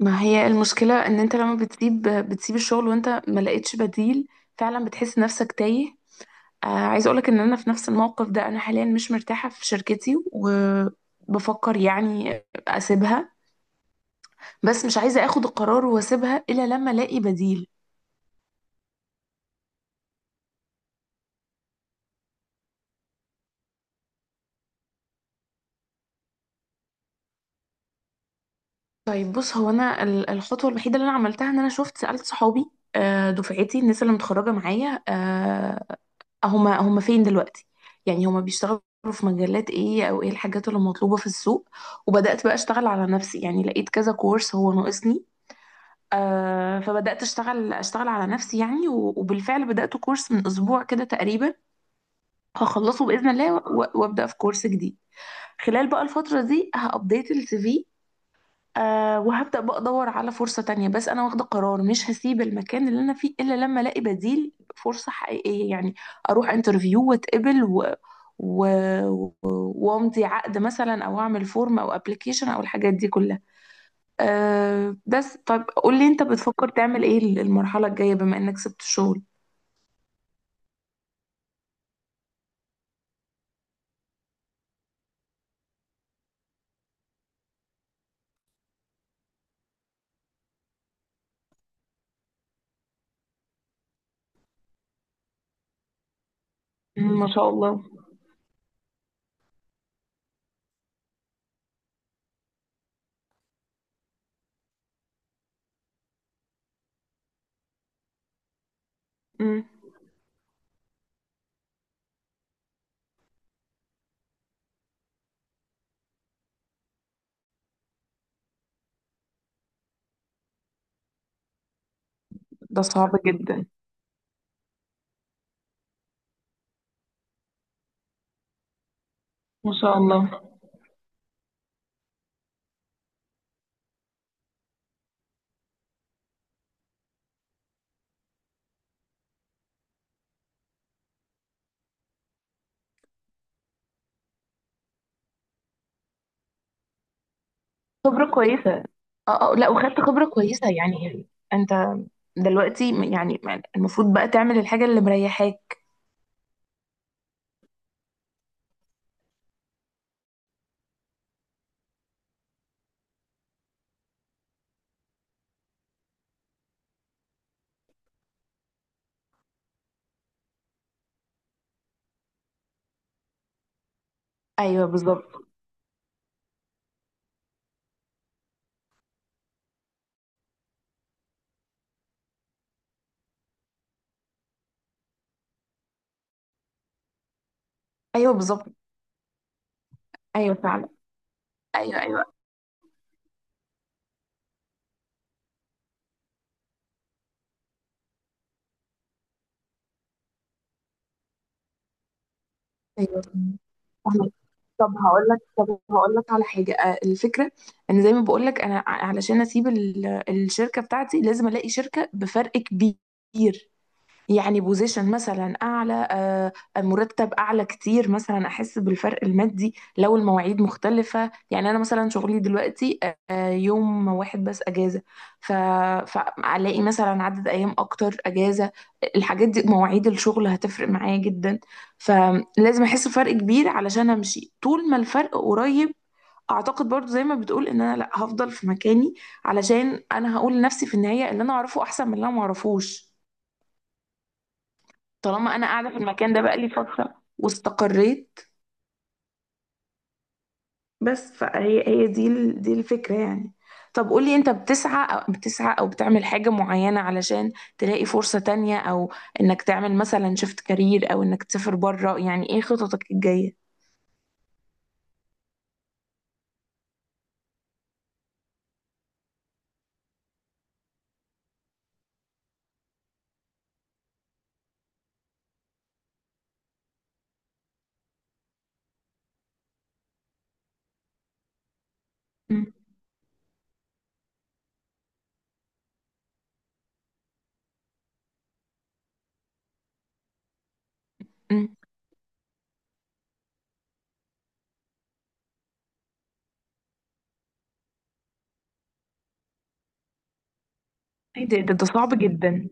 ما هي المشكلة ان انت لما بتسيب الشغل وانت ما لقيتش بديل، فعلا بتحس نفسك تايه. آه، عايز اقولك ان انا في نفس الموقف ده. انا حاليا مش مرتاحة في شركتي وبفكر يعني اسيبها، بس مش عايزة اخد القرار واسيبها الا لما الاقي بديل. طيب بص، هو انا الخطوه الوحيده اللي انا عملتها ان انا شفت سالت صحابي، دفعتي الناس اللي متخرجه معايا، هما فين دلوقتي، يعني هما بيشتغلوا في مجالات ايه او ايه الحاجات اللي مطلوبه في السوق. وبدات بقى اشتغل على نفسي، يعني لقيت كذا كورس هو ناقصني. فبدات اشتغل على نفسي يعني، وبالفعل بدات كورس من اسبوع كده تقريبا، هخلصه باذن الله وابدا في كورس جديد. خلال بقى الفتره دي هابديت السي في. أه، وهبدأ بقى أدور على فرصة تانية. بس أنا واخدة قرار مش هسيب المكان اللي أنا فيه إلا لما ألاقي بديل، فرصة حقيقية يعني، أروح انترفيو واتقبل و... و... وامضي عقد مثلا أو أعمل فورم أو أبليكيشن أو الحاجات دي كلها. أه بس طب قول لي، أنت بتفكر تعمل إيه المرحلة الجاية بما إنك سبت الشغل؟ مم، ما شاء الله. مم. ده صعب جدا. ما شاء الله. خبرة كويسة. اه اه، لا وخدت خبرة كويسة يعني. انت دلوقتي يعني المفروض بقى تعمل الحاجة اللي مريحاك. ايوه بالظبط. ايوه بالظبط. ايوه فعلا. ايوه ايوه. ايوه، فهمك. طب هقول لك، طب هقول لك على حاجة. آه، الفكرة ان زي ما بقول لك انا علشان اسيب الشركة بتاعتي لازم الاقي شركة بفرق كبير. يعني بوزيشن مثلا اعلى، آه، مرتب اعلى كتير مثلا، احس بالفرق المادي. لو المواعيد مختلفه، يعني انا مثلا شغلي دلوقتي، آه، يوم واحد بس اجازه، ف... فالاقي مثلا عدد ايام اكتر اجازه، الحاجات دي مواعيد الشغل هتفرق معايا جدا. فلازم احس بفرق كبير علشان امشي. طول ما الفرق قريب، اعتقد برضو زي ما بتقول ان انا لا هفضل في مكاني، علشان انا هقول لنفسي في النهايه اللي انا اعرفه احسن من اللي انا ما اعرفوش، طالما انا قاعده في المكان ده بقالي فتره واستقريت. بس فهي هي دي الفكره يعني. طب قولي انت، بتسعى او بتسعى او بتعمل حاجه معينه علشان تلاقي فرصه تانية، او انك تعمل مثلا شيفت كارير، او انك تسافر بره؟ يعني ايه خططك الجايه؟ امم. امم. ايه ده، ده صعب جدا.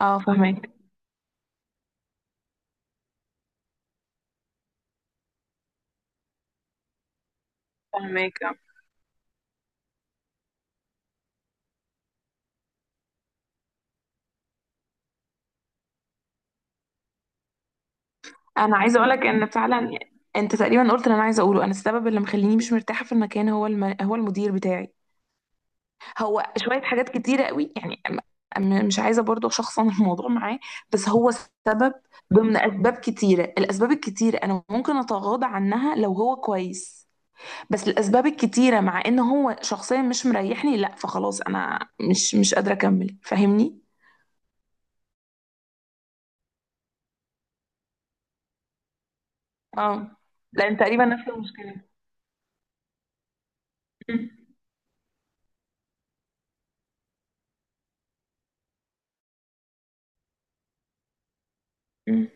اه فهمك. فهمك. انا عايزه اقولك ان فعلا انت تقريبا قلت اللي انا عايزه اقوله. انا السبب اللي مخليني مش مرتاحه في المكان هو هو المدير بتاعي. هو شوية حاجات كتيرة قوي يعني، مش عايزة برضو أشخصن الموضوع معاه. بس هو سبب ضمن أسباب كتيرة. الأسباب الكتيرة أنا ممكن أتغاضى عنها لو هو كويس، بس الأسباب الكتيرة مع إن هو شخصيا مش مريحني، لا فخلاص أنا مش قادرة أكمل. فاهمني؟ اه، لأن تقريبا نفس المشكلة. م- م-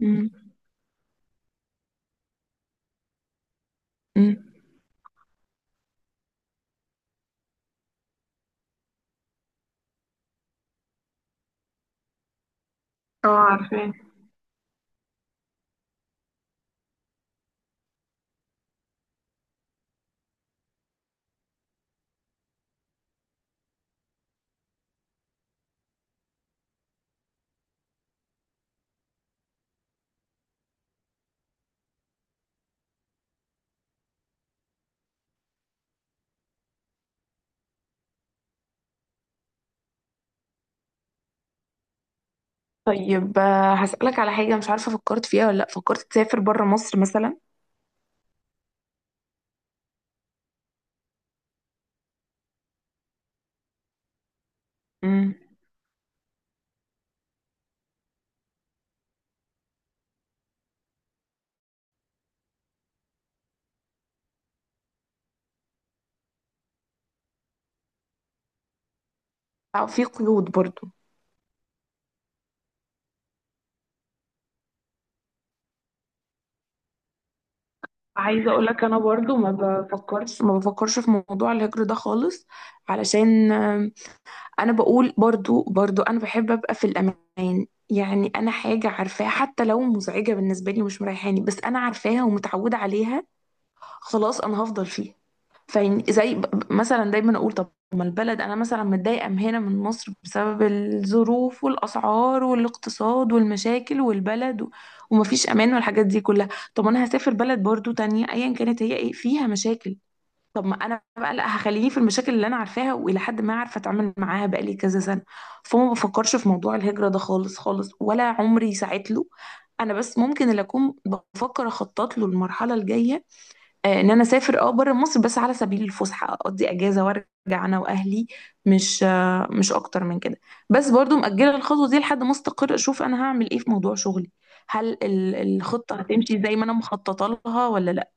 م- م. اه عارفاه. طيب، آه، هسألك على حاجة، مش عارفة فكرت فيها ولا لأ. فكرت تسافر بره مصر مثلا؟ أو في قيود برضو؟ عايزة اقولك انا برضو ما بفكرش في موضوع الهجر ده خالص. علشان آم، انا بقول برضو، برضو انا بحب ابقى في الامان. يعني انا حاجة عارفاها حتى لو مزعجة بالنسبة لي ومش مريحاني، بس انا عارفاها ومتعودة عليها، خلاص انا هفضل فيها. فين زي مثلا دايما اقول، طب ما البلد انا مثلا متضايقه من هنا من مصر بسبب الظروف والاسعار والاقتصاد والمشاكل والبلد ومفيش امان والحاجات دي كلها. طب انا هسافر بلد برضو تانية، ايا كانت هي ايه فيها مشاكل. طب ما انا بقى لا هخليني في المشاكل اللي انا عارفاها والى حد ما عارفه اتعامل معاها بقالي كذا سنه. فما بفكرش في موضوع الهجره ده خالص خالص، ولا عمري ساعت له. انا بس ممكن اللي اكون بفكر اخطط له المرحله الجايه، آه، ان انا اسافر اه بره مصر بس على سبيل الفسحه، اقضي اجازه وارجع انا واهلي، مش، آه، مش اكتر من كده. بس برضو مأجله الخطوه دي لحد ما استقر، اشوف انا هعمل ايه في موضوع شغلي، هل الخطه هتمشي زي ما انا مخططه لها ولا لا.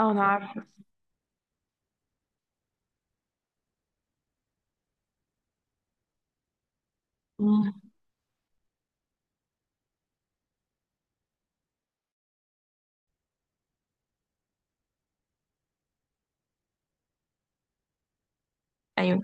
اه انا عارفه. مم. ايوه.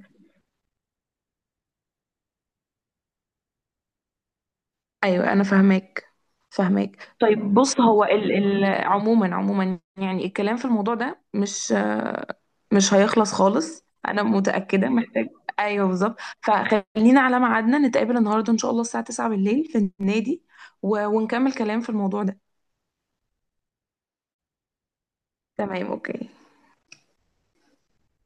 ايوه انا فاهماك. فاهماك. طيب بص، هو ال ال عموما، عموما يعني الكلام في الموضوع ده مش، آه، مش هيخلص خالص انا متأكدة. محتاج. ايوه بالظبط. فخلينا على ميعادنا، نتقابل النهارده ان شاء الله الساعة 9 بالليل في النادي ونكمل كلام في الموضوع ده. تمام اوكي.